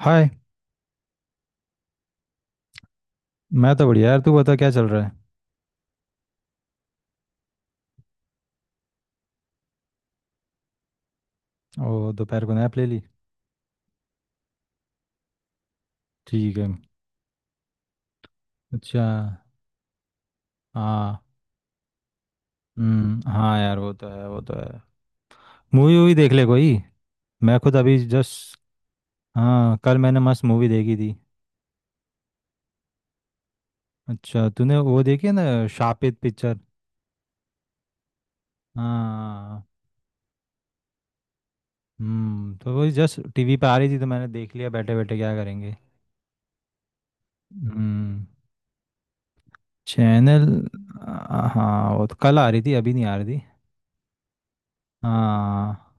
हाय। मैं तो बढ़िया यार, तू बता क्या चल रहा है? ओ दोपहर को नैप ले ली? ठीक है। अच्छा। हाँ। हम्म, हाँ यार, वो तो है वो तो है। मूवी वूवी देख ले कोई। मैं खुद अभी जस्ट। हाँ कल मैंने मस्त मूवी देखी थी। अच्छा तूने वो देखी है ना, शापित पिक्चर? हाँ। तो वही जस्ट टीवी पे आ रही थी तो मैंने देख लिया, बैठे बैठे क्या करेंगे। हम्म। चैनल। हाँ वो तो कल आ रही थी, अभी नहीं आ रही थी। हाँ।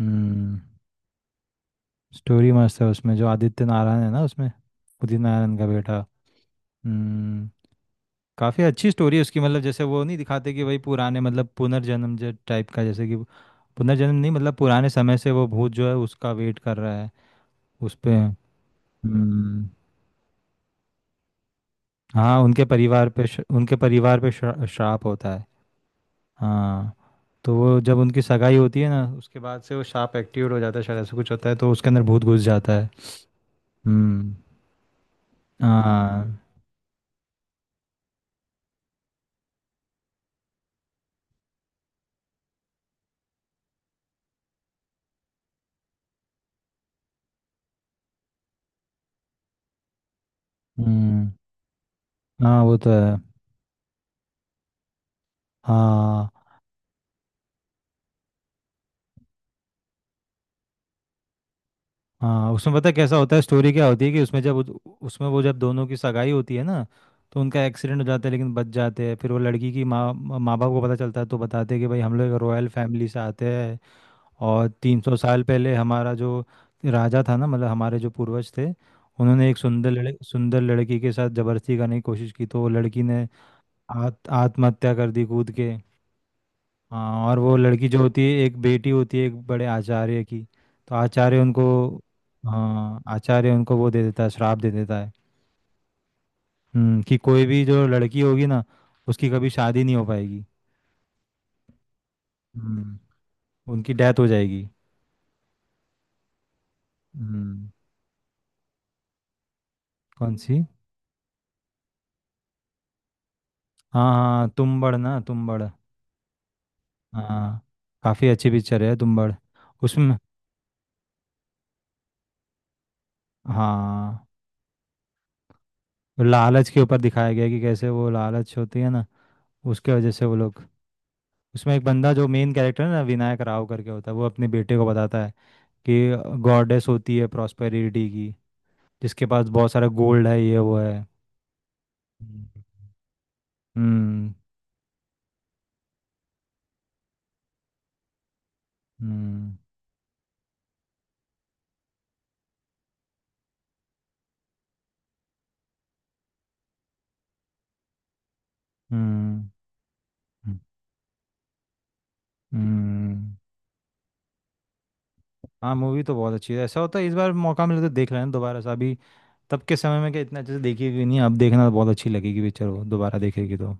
हम्म स्टोरी मस्त है उसमें, जो आदित्य नारायण है ना उसमें, उदित नारायण का बेटा। हम्म। काफ़ी अच्छी स्टोरी है उसकी, मतलब जैसे वो नहीं दिखाते कि वही पुराने, मतलब पुनर्जन्म जो टाइप का, जैसे कि पुनर्जन्म नहीं, मतलब पुराने समय से वो भूत जो है उसका वेट कर रहा है उस पे। हम्म। हाँ उनके परिवार पे श्राप होता है। हाँ। तो वो जब उनकी सगाई होती है ना, उसके बाद से वो श्राप एक्टिवेट हो जाता है शायद, ऐसा कुछ होता है तो उसके अंदर भूत घुस जाता है। हम्म। हाँ। हम्म। हाँ वो तो है। हाँ हाँ, उसमें पता है कैसा होता है, स्टोरी क्या होती है कि उसमें जब उसमें वो जब दोनों की सगाई होती है ना, तो उनका एक्सीडेंट हो जाता है लेकिन बच जाते हैं, फिर वो लड़की की माँ माँ बाप को पता चलता है, तो बताते हैं कि भाई हम लोग रॉयल फैमिली से आते हैं और 300 साल पहले हमारा जो राजा था ना, मतलब हमारे जो पूर्वज थे, उन्होंने एक सुंदर लड़की के साथ जबरदस्ती करने की कोशिश की तो वो लड़की ने आत्महत्या कर दी कूद के। हाँ। और वो लड़की जो होती है एक बेटी होती है एक बड़े आचार्य की, तो आचार्य उनको, हाँ आचार्य उनको वो दे देता है, श्राप दे देता है। कि कोई भी जो लड़की होगी ना, उसकी कभी शादी नहीं हो पाएगी। हम्म। उनकी डेथ हो जाएगी। हम्म। कौन सी? हाँ हाँ तुम्बड़ ना तुम्बड़, हाँ। काफ़ी अच्छी पिक्चर है तुम्बड़। उसमें हाँ, लालच के ऊपर दिखाया गया है कि कैसे वो लालच होती है ना, उसके वजह से वो लोग, उसमें एक बंदा जो मेन कैरेक्टर है ना, विनायक राव करके होता है, वो अपने बेटे को बताता है कि गॉडेस होती है प्रॉस्पेरिटी की, जिसके पास बहुत सारा गोल्ड है, ये वो है। हम्म। हम्म। हम्म। हम्म। हम्म, हम्म। हाँ मूवी तो बहुत अच्छी है, ऐसा होता है इस बार मौका मिले तो देख लेना दोबारा से, अभी तब के समय में क्या इतना अच्छे से देखी भी नहीं, अब देखना तो बहुत अच्छी लगेगी पिक्चर, वो दोबारा देखेगी तो।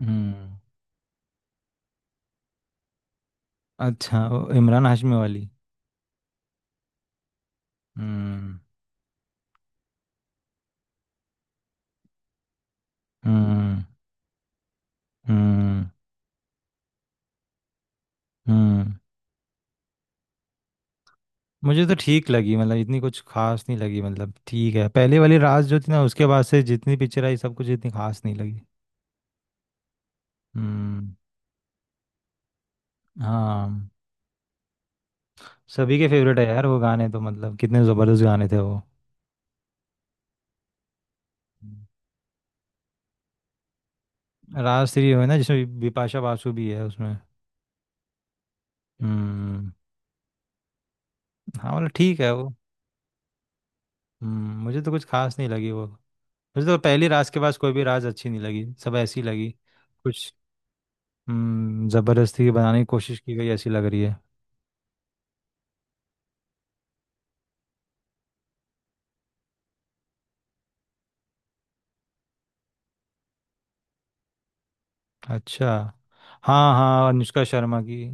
हम्म। अच्छा वो इमरान हाशमी वाली। हम्म। हम्म। हम्म। हम्म मुझे तो ठीक लगी, मतलब इतनी कुछ खास नहीं लगी, मतलब ठीक है, पहले वाली रास जो थी ना, उसके बाद से जितनी पिक्चर आई सब कुछ इतनी खास नहीं लगी। हम्म। हाँ सभी के फेवरेट है यार वो गाने तो, मतलब कितने ज़बरदस्त गाने थे वो। हम्म। राज 3 है ना, जिसमें बिपाशा बासु भी है उसमें। हम्म। हाँ मतलब ठीक है वो। मुझे तो कुछ खास नहीं लगी वो। मुझे तो पहली रास के बाद कोई भी राज अच्छी नहीं लगी, सब ऐसी लगी कुछ। ज़बरदस्ती बनाने की कोशिश की गई ऐसी लग रही है। अच्छा। हाँ हाँ अनुष्का शर्मा की।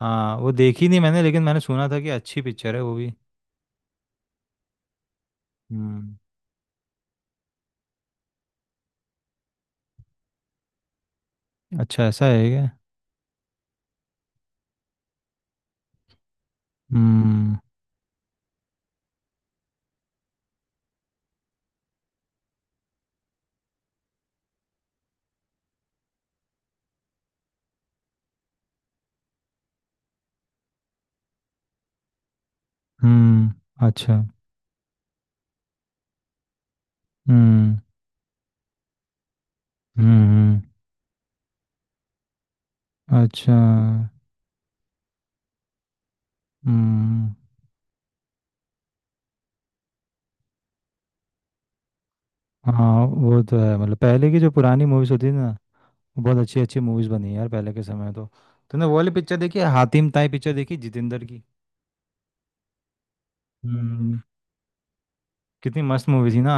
हाँ वो देखी नहीं मैंने, लेकिन मैंने सुना था कि अच्छी पिक्चर है वो भी। हम्म। अच्छा ऐसा है क्या? हम्म। हम्म। अच्छा। हम्म। हम्म। अच्छा। हम्म। हाँ वो तो है, मतलब पहले की जो पुरानी मूवीज होती थी ना, वो बहुत अच्छी अच्छी मूवीज बनी है यार, पहले के समय तो। तूने वो वाली पिक्चर देखी है, हातिम ताई पिक्चर, देखी जितेंद्र की? हम्म। कितनी मस्त मूवी थी ना।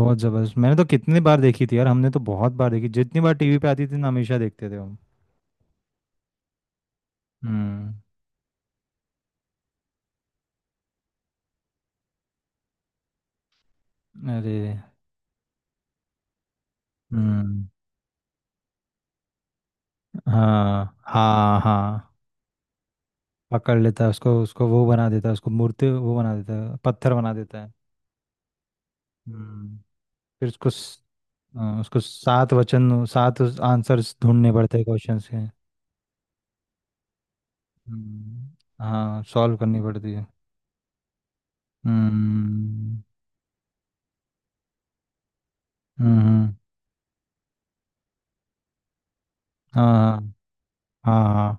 बहुत जबरदस्त, मैंने तो कितनी बार देखी थी यार, हमने तो बहुत बार देखी, जितनी बार टीवी पे आती थी ना, हमेशा देखते थे हम। हम्म। अरे। हम्म। हाँ हाँ हाँ। पकड़ लेता है उसको, उसको वो बना देता है, उसको मूर्ति वो बना देता है, पत्थर बना देता है। हम्म। फिर उसको हाँ, उसको सात वचन सात आंसर्स ढूंढने पड़ते हैं क्वेश्चंस के। हम्म। हाँ सॉल्व करनी पड़ती है। हम्म। हम्म। हाँ। हाँ। हाँ।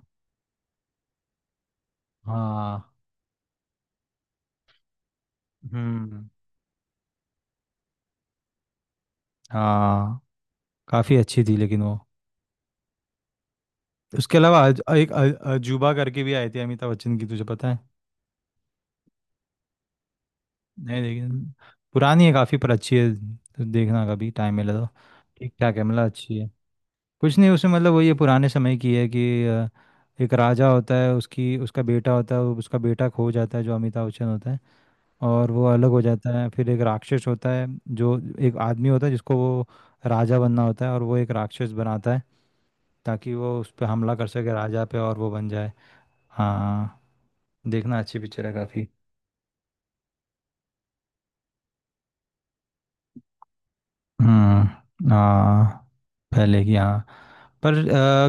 हाँ। हम्म। हाँ काफ़ी अच्छी थी लेकिन वो। उसके अलावा एक अजूबा करके भी आई थी, अमिताभ बच्चन की, तुझे पता है? नहीं लेकिन पुरानी है काफ़ी, पर अच्छी है तो देखना कभी टाइम मिले तो। ठीक ठाक है, मतलब अच्छी है। कुछ नहीं उसमें, मतलब वही है, पुराने समय की है कि एक राजा होता है, उसकी उसका बेटा होता है, उसका बेटा खो जाता है जो अमिताभ बच्चन होता है, और वो अलग हो जाता है, फिर एक राक्षस होता है, जो एक आदमी होता है जिसको वो राजा बनना होता है और वो एक राक्षस बनाता है ताकि वो उस पर हमला कर सके, राजा पे, और वो बन जाए। हाँ। देखना अच्छी पिक्चर है काफी। हम्म। हाँ पहले की। हाँ पर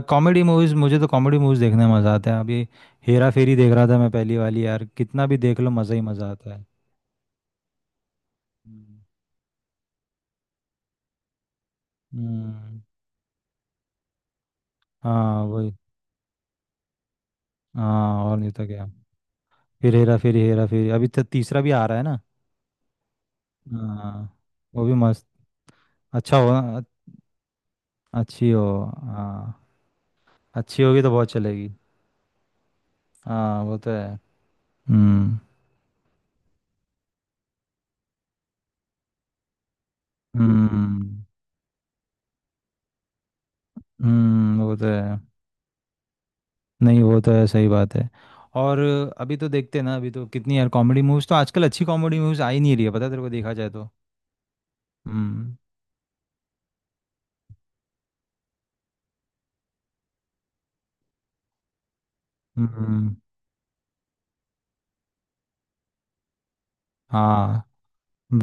कॉमेडी मूवीज, मुझे तो कॉमेडी मूवीज देखने में मज़ा आता है अभी, हेरा फेरी देख रहा था मैं पहली वाली, यार कितना भी देख लो मज़ा ही मज़ा आता है। हम्म। हम्म, हाँ वही, हाँ और नहीं तो क्या। फिर हेरा फेरी हेरा फेरी, अभी तो तीसरा भी आ रहा है ना। हाँ वो भी मस्त, अच्छा हो ना, अच्छी हो। हाँ। अच्छी होगी तो बहुत चलेगी। हाँ वो तो है। हम्म। हम्म। वो तो है। नहीं वो तो है, सही बात है। और अभी तो देखते हैं ना, अभी तो कितनी यार कॉमेडी मूवीज, तो आजकल अच्छी कॉमेडी मूवीज आ ही नहीं रही है पता है तेरे को, देखा जाए तो। हम्म। हम्म। हाँ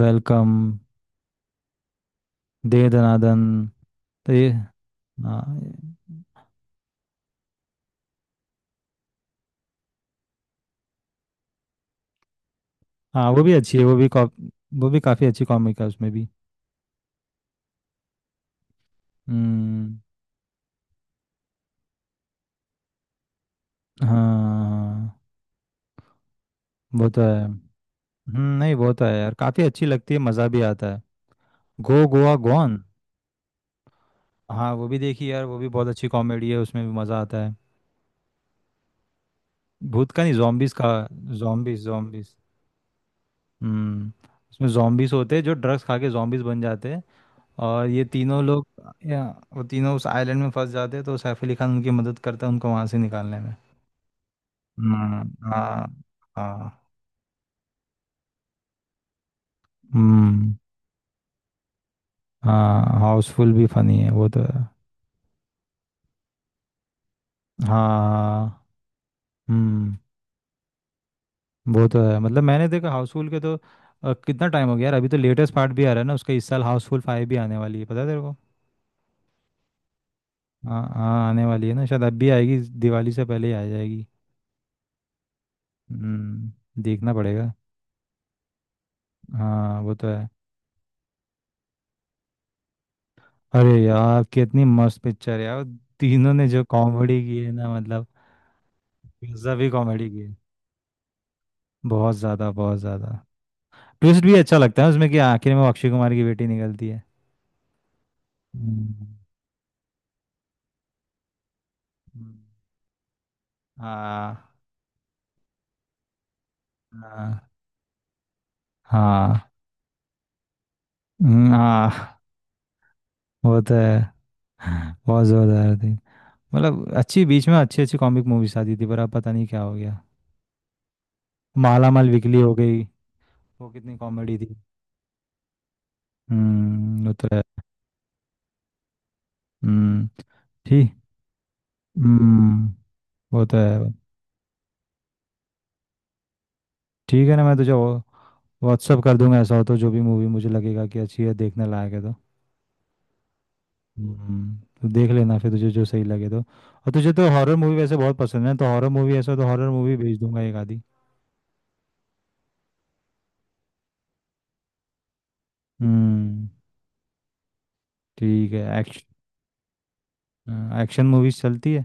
वेलकम दे दनादन तो ये, हाँ। हाँ वो भी अच्छी है, वो भी कॉप, वो भी काफ़ी अच्छी कॉमिक है उसमें भी। हम्म। हाँ वो तो है। नहीं वो तो है यार, काफ़ी अच्छी लगती है, मज़ा भी आता है। गो गोवा गॉन। हाँ वो भी देखी यार, वो भी बहुत अच्छी कॉमेडी है उसमें भी मज़ा आता है। भूत का नहीं zombies का। zombies zombies। हम्म। उसमें zombies होते हैं जो ड्रग्स खा के zombies बन जाते हैं, और ये तीनों लोग या वो तीनों उस आइलैंड में फंस जाते हैं, तो सैफ अली खान उनकी मदद करता है उनको वहां से निकालने में। हम्म। हाँ। हाँ। हम्म। हाँ हाउसफुल भी फनी है, वो तो है। हाँ। हम्म वो तो है, मतलब मैंने देखा हाउसफुल के तो कितना टाइम हो गया यार, अभी तो लेटेस्ट पार्ट भी आ रहा है ना उसका इस साल, हाउसफुल 5 भी आने वाली है, पता है तेरे को? हाँ हाँ आने वाली है ना, शायद अब भी आएगी, दिवाली से पहले ही आ जाएगी। देखना पड़ेगा। हाँ वो तो है। अरे यार कितनी मस्त पिक्चर है यार, तीनों ने जो कॉमेडी की है ना, मतलब गजब ही कॉमेडी की है। बहुत ज़्यादा बहुत ज़्यादा। ट्विस्ट भी अच्छा लगता है उसमें, कि आखिर में अक्षय कुमार की बेटी निकलती है। हम्म, हम्म, हाँ हाँ हाँ, हाँ वो तो है, बहुत जोरदार थी। मतलब अच्छी बीच में अच्छी अच्छी कॉमिक मूवीज आती थी, पर अब पता नहीं क्या हो गया। माला माल वीकली हो गई। वो कितनी कॉमेडी थी। वो तो है। हम्म ठीक। हम्म वो तो है। ठीक है ना, मैं तुझे व्हाट्सअप कर दूंगा ऐसा हो तो, जो भी मूवी मुझे लगेगा कि अच्छी है देखने लायक है तो। हम्म, तो देख लेना फिर, तुझे जो सही लगे तो, और तुझे तो हॉरर मूवी वैसे बहुत पसंद है, तो हॉरर मूवी ऐसा हो तो हॉरर मूवी भेज दूंगा एक आधी। हम्म, ठीक है। एक्शन एक्शन मूवीज चलती है।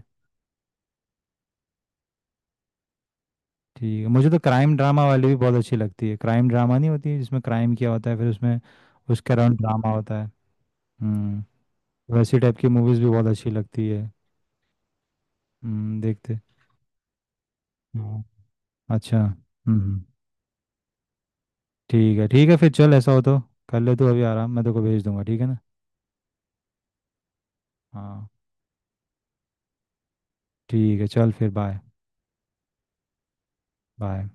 ठीक है, मुझे तो क्राइम ड्रामा वाली भी बहुत अच्छी लगती है, क्राइम ड्रामा नहीं होती है जिसमें क्राइम किया होता है, फिर उसमें उसके अराउंड ड्रामा होता है। हम्म। वैसी टाइप की मूवीज भी बहुत अच्छी लगती है। देखते। हाँ। अच्छा। हम्म। ठीक है फिर चल ऐसा हो तो कर ले तू अभी आराम, मैं तेरे को भेज दूंगा ठीक है ना। हाँ ठीक है, चल फिर, बाय। बाय।